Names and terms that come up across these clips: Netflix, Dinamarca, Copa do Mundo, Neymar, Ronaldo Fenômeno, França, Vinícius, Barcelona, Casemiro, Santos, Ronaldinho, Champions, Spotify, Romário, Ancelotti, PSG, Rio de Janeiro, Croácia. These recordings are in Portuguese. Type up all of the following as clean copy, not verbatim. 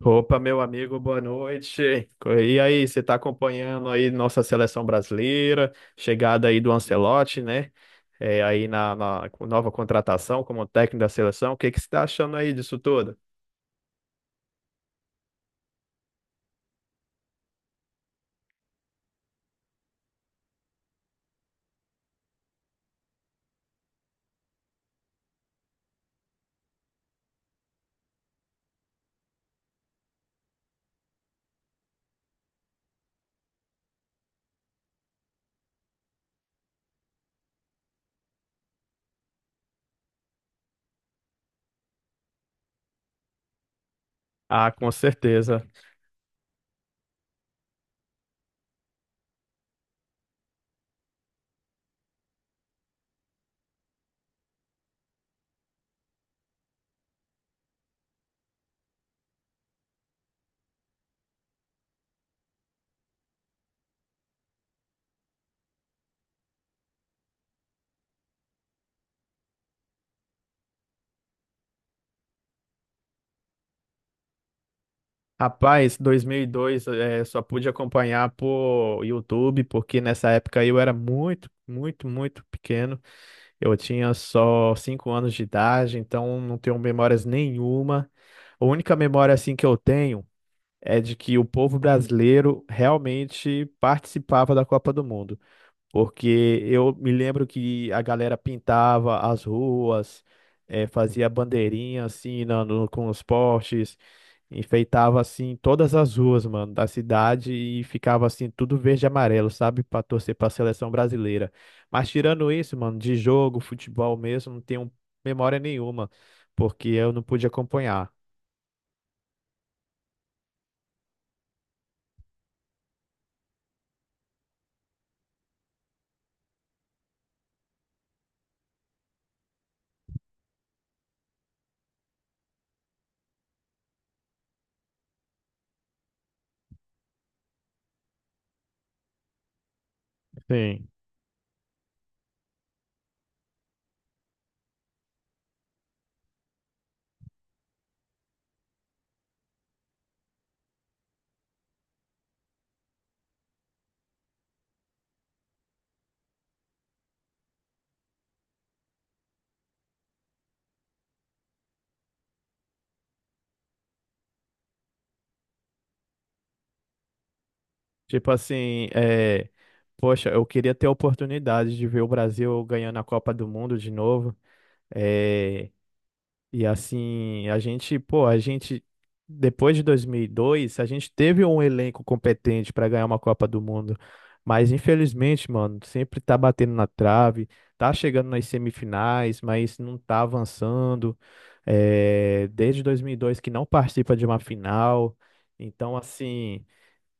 Opa, meu amigo, boa noite. E aí, você está acompanhando aí nossa seleção brasileira, chegada aí do Ancelotti, né? É, aí na nova contratação como técnico da seleção, o que que você está achando aí disso tudo? Ah, com certeza. Rapaz, 2002, é, só pude acompanhar por YouTube, porque nessa época aí eu era muito, muito, muito pequeno. Eu tinha só 5 anos de idade, então não tenho memórias nenhuma. A única memória assim que eu tenho é de que o povo brasileiro realmente participava da Copa do Mundo, porque eu me lembro que a galera pintava as ruas, fazia bandeirinha assim com os postes, enfeitava assim todas as ruas, mano, da cidade e ficava assim tudo verde e amarelo, sabe, para torcer para a seleção brasileira. Mas tirando isso, mano, de jogo, futebol mesmo, não tenho memória nenhuma, porque eu não pude acompanhar. Sim. Tipo assim, é, poxa, eu queria ter a oportunidade de ver o Brasil ganhando a Copa do Mundo de novo. É, e assim, a gente, pô, a gente, depois de 2002 a gente teve um elenco competente para ganhar uma Copa do Mundo. Mas infelizmente, mano, sempre tá batendo na trave, tá chegando nas semifinais, mas não tá avançando. É, desde 2002 que não participa de uma final. Então, assim.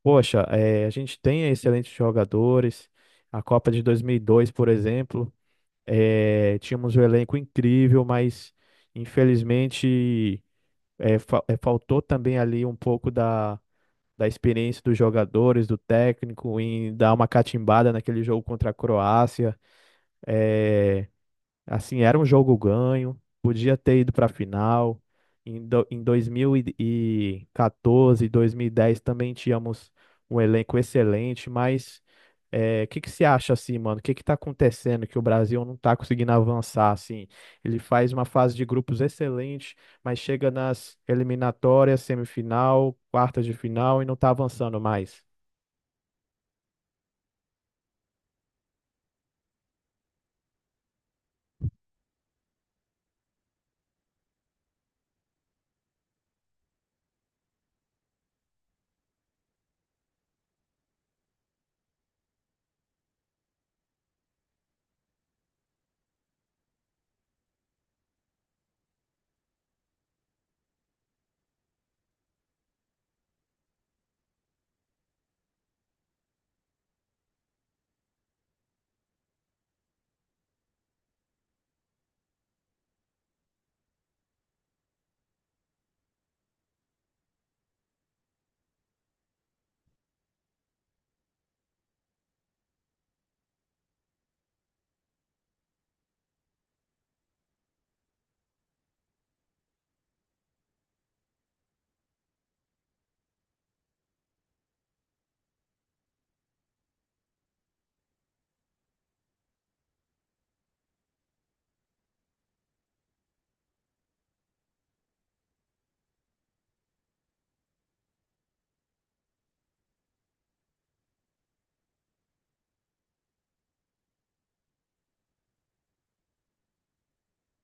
Poxa, a gente tem excelentes jogadores. A Copa de 2002, por exemplo, tínhamos um elenco incrível, mas infelizmente faltou também ali um pouco da experiência dos jogadores, do técnico, em dar uma catimbada naquele jogo contra a Croácia. Eh, Assim, era um jogo ganho, podia ter ido para a final. Em 2014, dez também tínhamos um elenco excelente, mas é, o que que você acha assim, mano? O que que tá acontecendo que o Brasil não tá conseguindo avançar assim? Ele faz uma fase de grupos excelente, mas chega nas eliminatórias, semifinal, quartas de final e não tá avançando mais.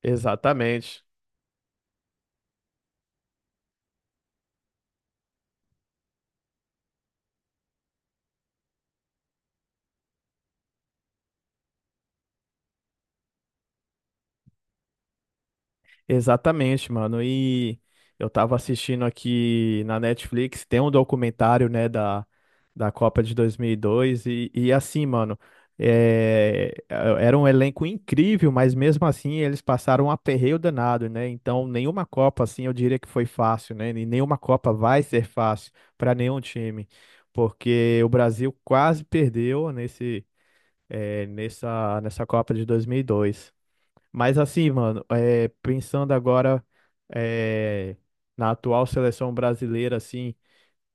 Exatamente. Exatamente, mano. E eu tava assistindo aqui na Netflix, tem um documentário, né, da Copa de 2002 e, dois, e assim, mano, é, era um elenco incrível, mas mesmo assim eles passaram um aperreio danado, né? Então, nenhuma Copa, assim, eu diria que foi fácil, né? E nenhuma Copa vai ser fácil para nenhum time, porque o Brasil quase perdeu nessa Copa de 2002. Mas assim, mano, é, pensando agora é, na atual seleção brasileira, assim.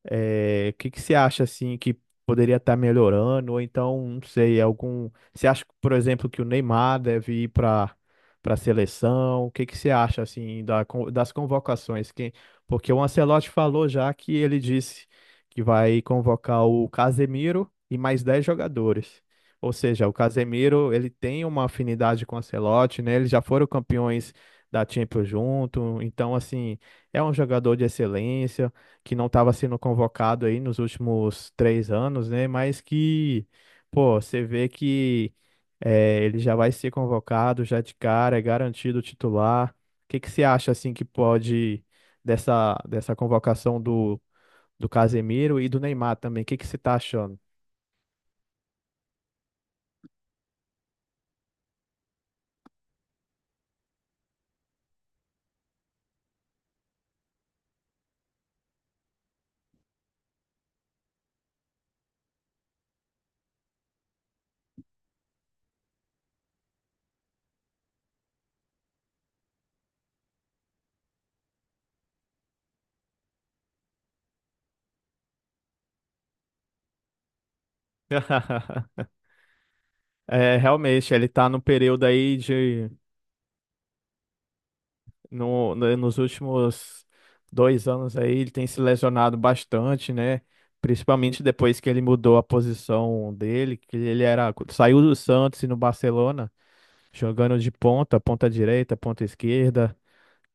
É, o que que você acha assim que poderia estar melhorando? Ou então, não sei, algum. Você acha, por exemplo, que o Neymar deve ir para a seleção? O que que você acha assim da das convocações? Porque o Ancelotti falou já que ele disse que vai convocar o Casemiro e mais 10 jogadores. Ou seja, o Casemiro, ele tem uma afinidade com o Ancelotti, né? Eles já foram campeões da Champions junto, então assim, é um jogador de excelência que não estava sendo convocado aí nos últimos 3 anos, né? Mas que, pô, você vê que ele já vai ser convocado já de cara, é garantido titular. O que que você acha assim que pode dessa convocação do Casemiro e do Neymar também? O que que você tá achando? É, realmente, ele tá no período aí de nos últimos 2 anos aí ele tem se lesionado bastante, né? Principalmente depois que ele mudou a posição dele, que ele era, saiu do Santos e no Barcelona, jogando de ponta, ponta direita, ponta esquerda,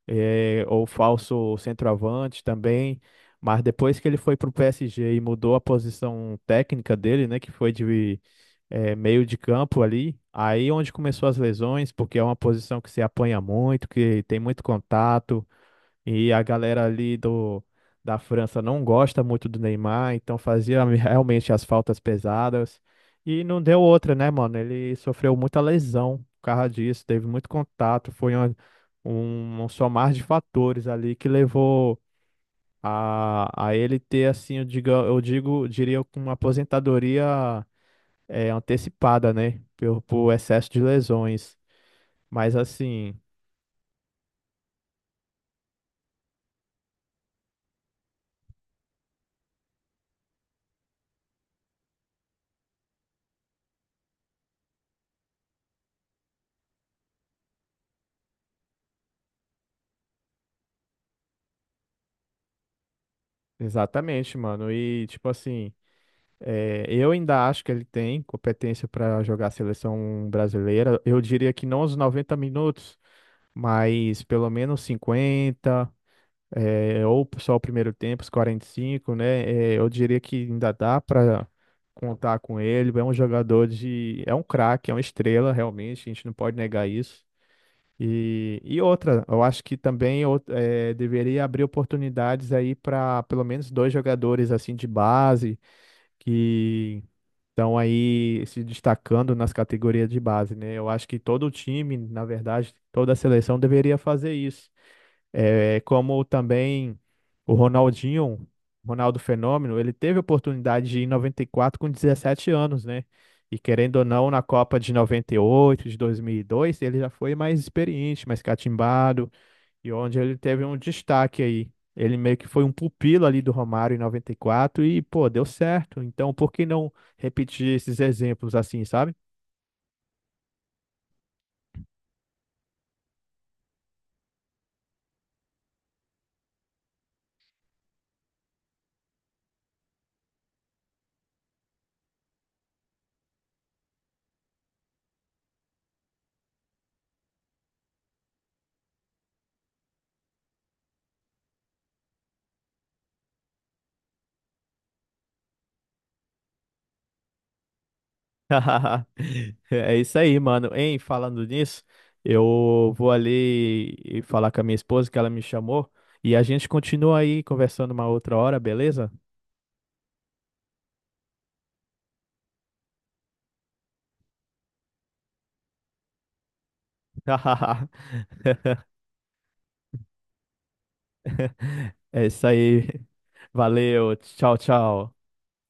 ou falso centroavante também. Mas depois que ele foi para o PSG e mudou a posição técnica dele, né, que foi de meio de campo ali, aí onde começou as lesões, porque é uma posição que se apanha muito, que tem muito contato, e a galera ali da França não gosta muito do Neymar, então fazia realmente as faltas pesadas. E não deu outra, né, mano? Ele sofreu muita lesão por causa disso, teve muito contato, foi um somar de fatores ali que levou a ele ter, assim, diria, com uma aposentadoria é, antecipada, né? Por excesso de lesões. Mas assim, exatamente, mano. E tipo assim. É, eu ainda acho que ele tem competência para jogar a seleção brasileira. Eu diria que não os 90 minutos, mas pelo menos 50 é, ou só o primeiro tempo, os 45, né? É, eu diria que ainda dá para contar com ele. É um jogador de. É um craque, é uma estrela, realmente. A gente não pode negar isso. E outra, eu acho que também deveria abrir oportunidades aí para pelo menos dois jogadores assim de base que estão aí se destacando nas categorias de base, né? Eu acho que todo time, na verdade, toda seleção deveria fazer isso. É, como também o Ronaldinho, Ronaldo Fenômeno, ele teve a oportunidade de ir em 94 com 17 anos, né? E querendo ou não, na Copa de 98, de 2002, ele já foi mais experiente, mais catimbado, e onde ele teve um destaque aí. Ele meio que foi um pupilo ali do Romário em 94 e pô, deu certo. Então, por que não repetir esses exemplos assim, sabe? É isso aí, mano. Hein, falando nisso, eu vou ali e falar com a minha esposa que ela me chamou e a gente continua aí conversando uma outra hora, beleza? É isso aí. Valeu. Tchau, tchau.